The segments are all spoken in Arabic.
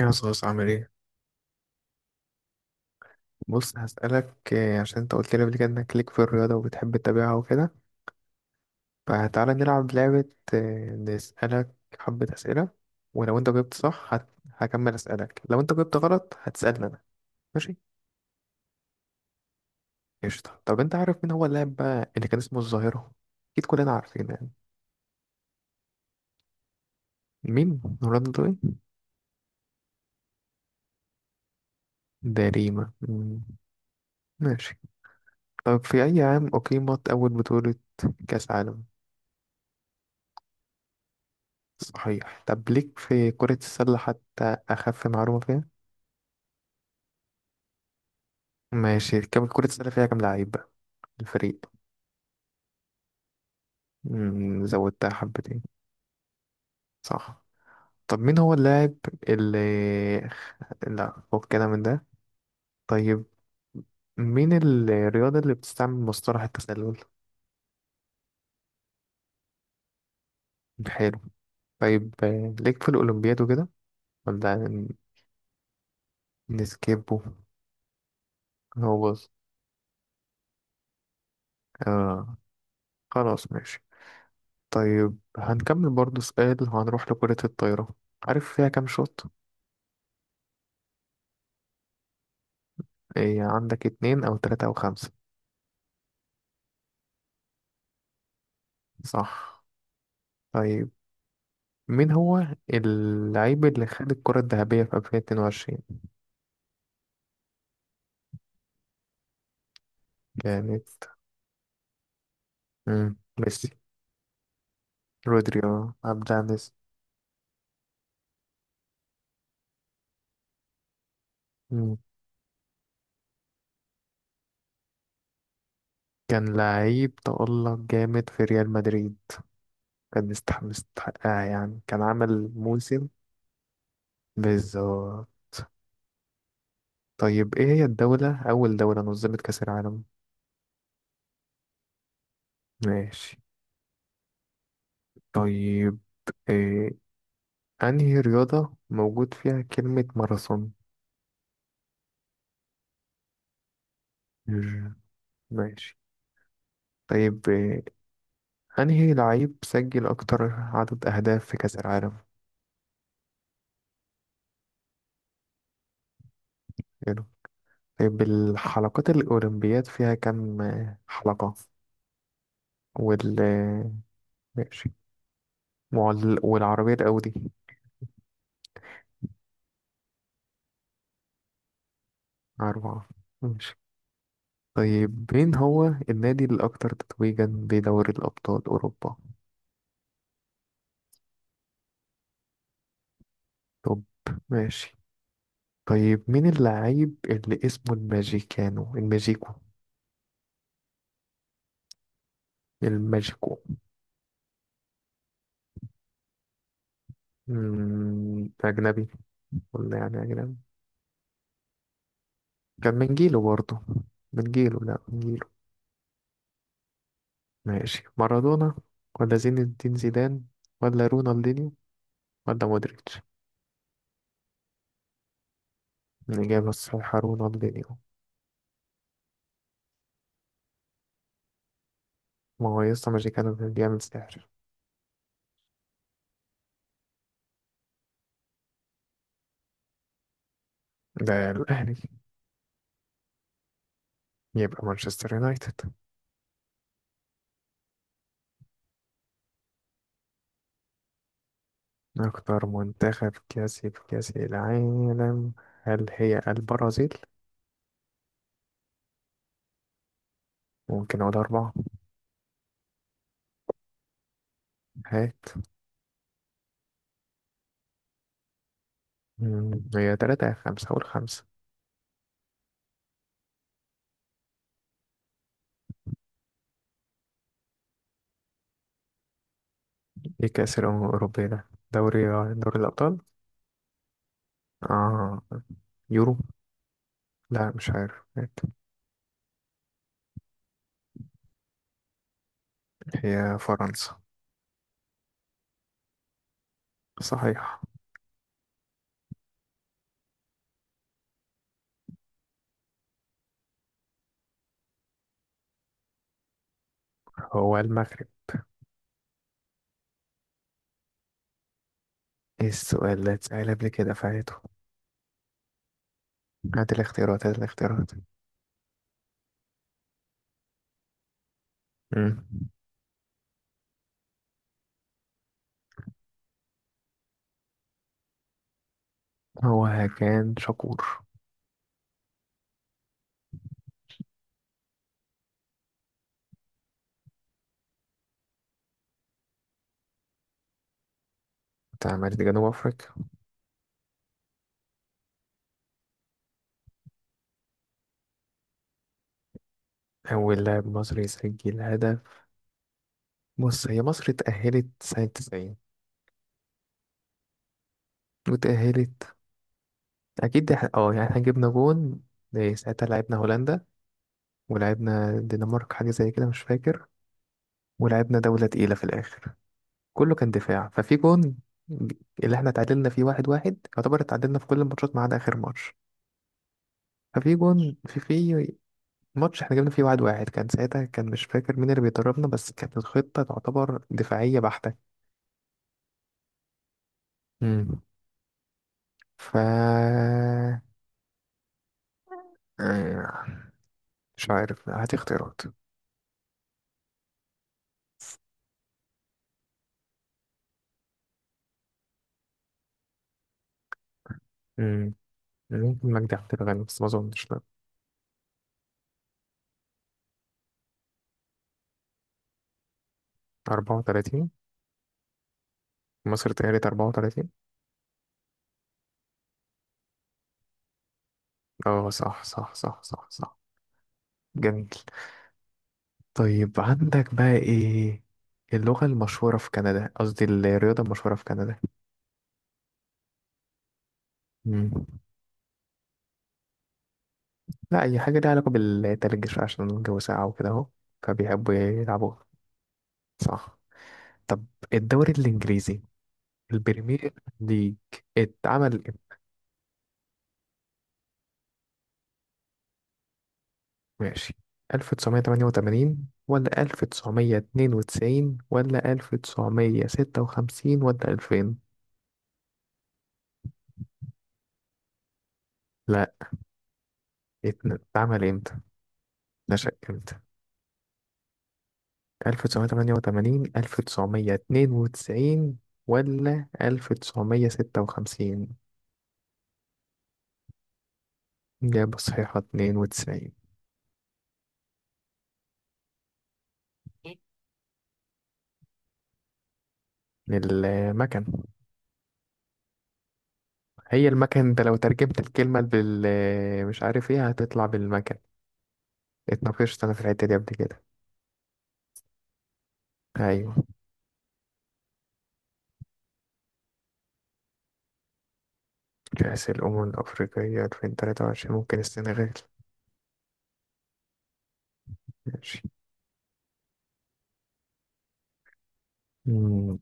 يا صوص، عامل ايه؟ بص، هسألك عشان انت قلت لي قبل كده انك ليك في الرياضة وبتحب تتابعها وكده. فتعالى نلعب لعبة. نسألك حبة أسئلة. ولو انت جبت صح هكمل أسألك. لو انت جبت غلط هتسألني انا. ماشي؟ قشطة. طب انت عارف مين هو اللاعب بقى اللي كان اسمه الظاهرة؟ اكيد كلنا عارفين يعني. مين رونالدو ايه؟ ده ريما. ماشي. طب في أي عام أقيمت أول بطولة كأس عالم؟ صحيح. طب ليك في كرة السلة حتى؟ أخف معلومة فيها. ماشي، كم كرة السلة فيها كام لعيب بقى الفريق؟ مم، زودتها حبتين. صح. طب مين هو اللاعب اللي خ- لا، فوق كده من ده. طيب. مين الرياضة اللي بتستعمل مصطلح التسلل؟ حلو. طيب، ليك في الأولمبياد وكده؟ ولا نسكيبه؟ هو بص. آه خلاص، ماشي. طيب، هنكمل برضو سؤال وهنروح لكرة الطايرة. عارف فيها كام شوط؟ إيه؟ عندك اتنين أو تلاتة أو خمسة. صح. طيب. مين هو اللعيب اللي خد الكرة الذهبية في 2022؟ جامد. ميسي. رودري عبد العزيز. مم. كان لعيب تألق جامد في ريال مدريد. كان مستحقها يعني، كان عمل موسم. بالظبط. طيب، ايه هي الدولة أول دولة نظمت كأس العالم؟ ماشي. طيب، إيه أنهي رياضة موجود فيها كلمة ماراثون؟ مم. ماشي. طيب، أنهي لعيب سجل أكتر عدد أهداف في كأس العالم؟ حلو. طيب، الحلقات الأولمبياد فيها كم حلقة؟ وال آه، ماشي. والعربية الأودي. أربعة. ماشي. طيب، مين هو النادي الأكثر تتويجا بدوري الأبطال أوروبا؟ طب. ماشي. طيب، مين اللاعب اللي اسمه الماجيكو؟ الماجيكو. أجنبي ولا يعني أجنبي. كان من جيله برضه. من جيله، لا، من جيله. ماشي. مارادونا ولا زين الدين زيدان ولا رونالدينيو ولا مودريتش؟ الإجابة الصحيحة رونالدينيو. ما هو يسطا، مش كان بيعمل سحر؟ ده الأهلي. يبقى مانشستر يونايتد. أكتر منتخب كاسب كأس العالم، هل هي البرازيل؟ ممكن أقول أربعة. هات. هي تلاتة يا خمسة. أقول خمسة. إيه كأس الأمم الأوروبية ده؟ دوري. دوري الأبطال؟ آه يورو؟ لا، مش عارف، هات. هي فرنسا. صحيح. هو المغرب. ايه؟ السؤال ده اتسأل قبل كده، فايته. هات الاختيارات، هات الاختيارات. مم. هو كان شكور. بتاع مجلس جنوب افريقيا. اول لاعب مصري يسجل هدف. بص، هي مصر اتأهلت سنة 90. وتأهلت. اكيد يعني احنا جبنا جون. ساعتها لعبنا هولندا. ولعبنا الدنمارك حاجة زي كده، مش فاكر. ولعبنا دولة تقيلة في الآخر. كله كان دفاع ففي جون. ج- اللي احنا اتعادلنا فيه 1-1، يعتبر اتعادلنا في كل الماتشات ما عدا آخر ماتش. ففي جون في ماتش احنا جبنا فيه 1-1، كان ساعتها، كان مش فاكر مين اللي بيدربنا، بس كانت الخطة تعتبر دفاعية بحتة. امم ف آه، مش عارف، هات اختيارات. مم. ممكن مجدي عبد الغني بس ما اظنش، لا. 34. مصر تقريبا 34. اه، صح، صح، صح، صح، صح. جميل. طيب، عندك بقى ايه اللغة المشهورة في كندا، قصدي الرياضة المشهورة في كندا؟ مم. لا، أي حاجة ليها علاقة بالتلج شوية عشان الجو ساقع وكده أهو. فبيحبوا يلعبوها. صح. طب الدوري الإنجليزي البريمير ليج اتعمل إمتى؟ ماشي. 1988 ولا 1992 ولا 1956 ولا 2000؟ لا، اتعمل امتى، نشأ امتى؟ 1988، 1992 ولا 1956؟ إجابة صحيحة 92. المكن. هي المكن، انت لو ترجمت الكلمة بال، مش عارف ايه هتطلع، بالمكن. اتناقشت انا في الحتة دي قبل كده. ايوه. كأس الأمم الأفريقية 2023، ممكن السنغال. ماشي. مم،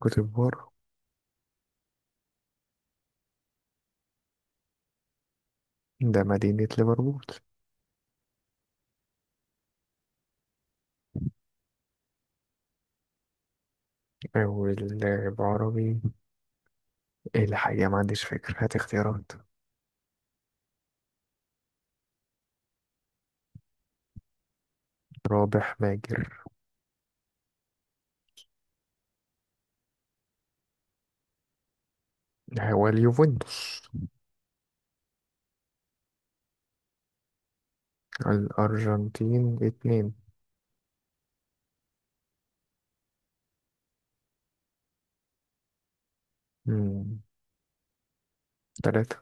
كوت ديفوار. ده مدينة ليفربول. والعربي، الحقيقة ما عنديش فكرة، هات اختيارات. رابح ماجر. هو اليوفنتوس. الأرجنتين اتنين. مم، تلاتة.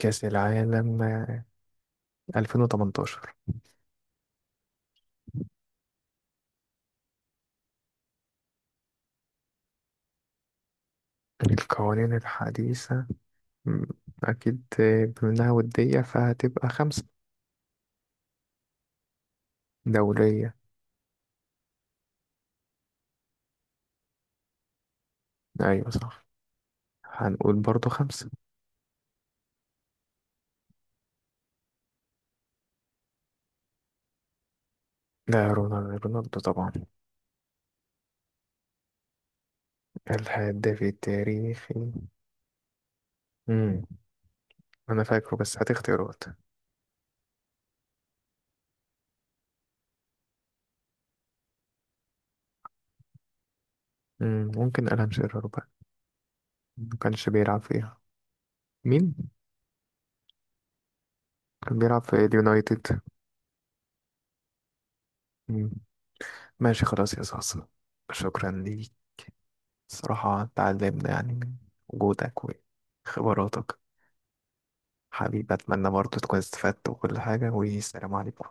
كأس العالم 2018. القوانين الحديثة. م، أكيد، بما إنها ودية فهتبقى خمسة. دولية. أيوة، صح. هنقول برضو خمسة. ده رونالدو، رونالدو طبعا. الهداف التاريخي. مم. أنا فاكره بس هات اختيارات. ممكن ألان شيرر بقى. ما كانش بيلعب فيها. مين؟ كان بيلعب في اليونايتد. مم. ماشي، خلاص يا صاصة. شكرا ليك. صراحة تعلمنا يعني من وجودك وخبراتك. حبيبي، أتمنى برضه تكون استفدت وكل حاجة، والسلام عليكم.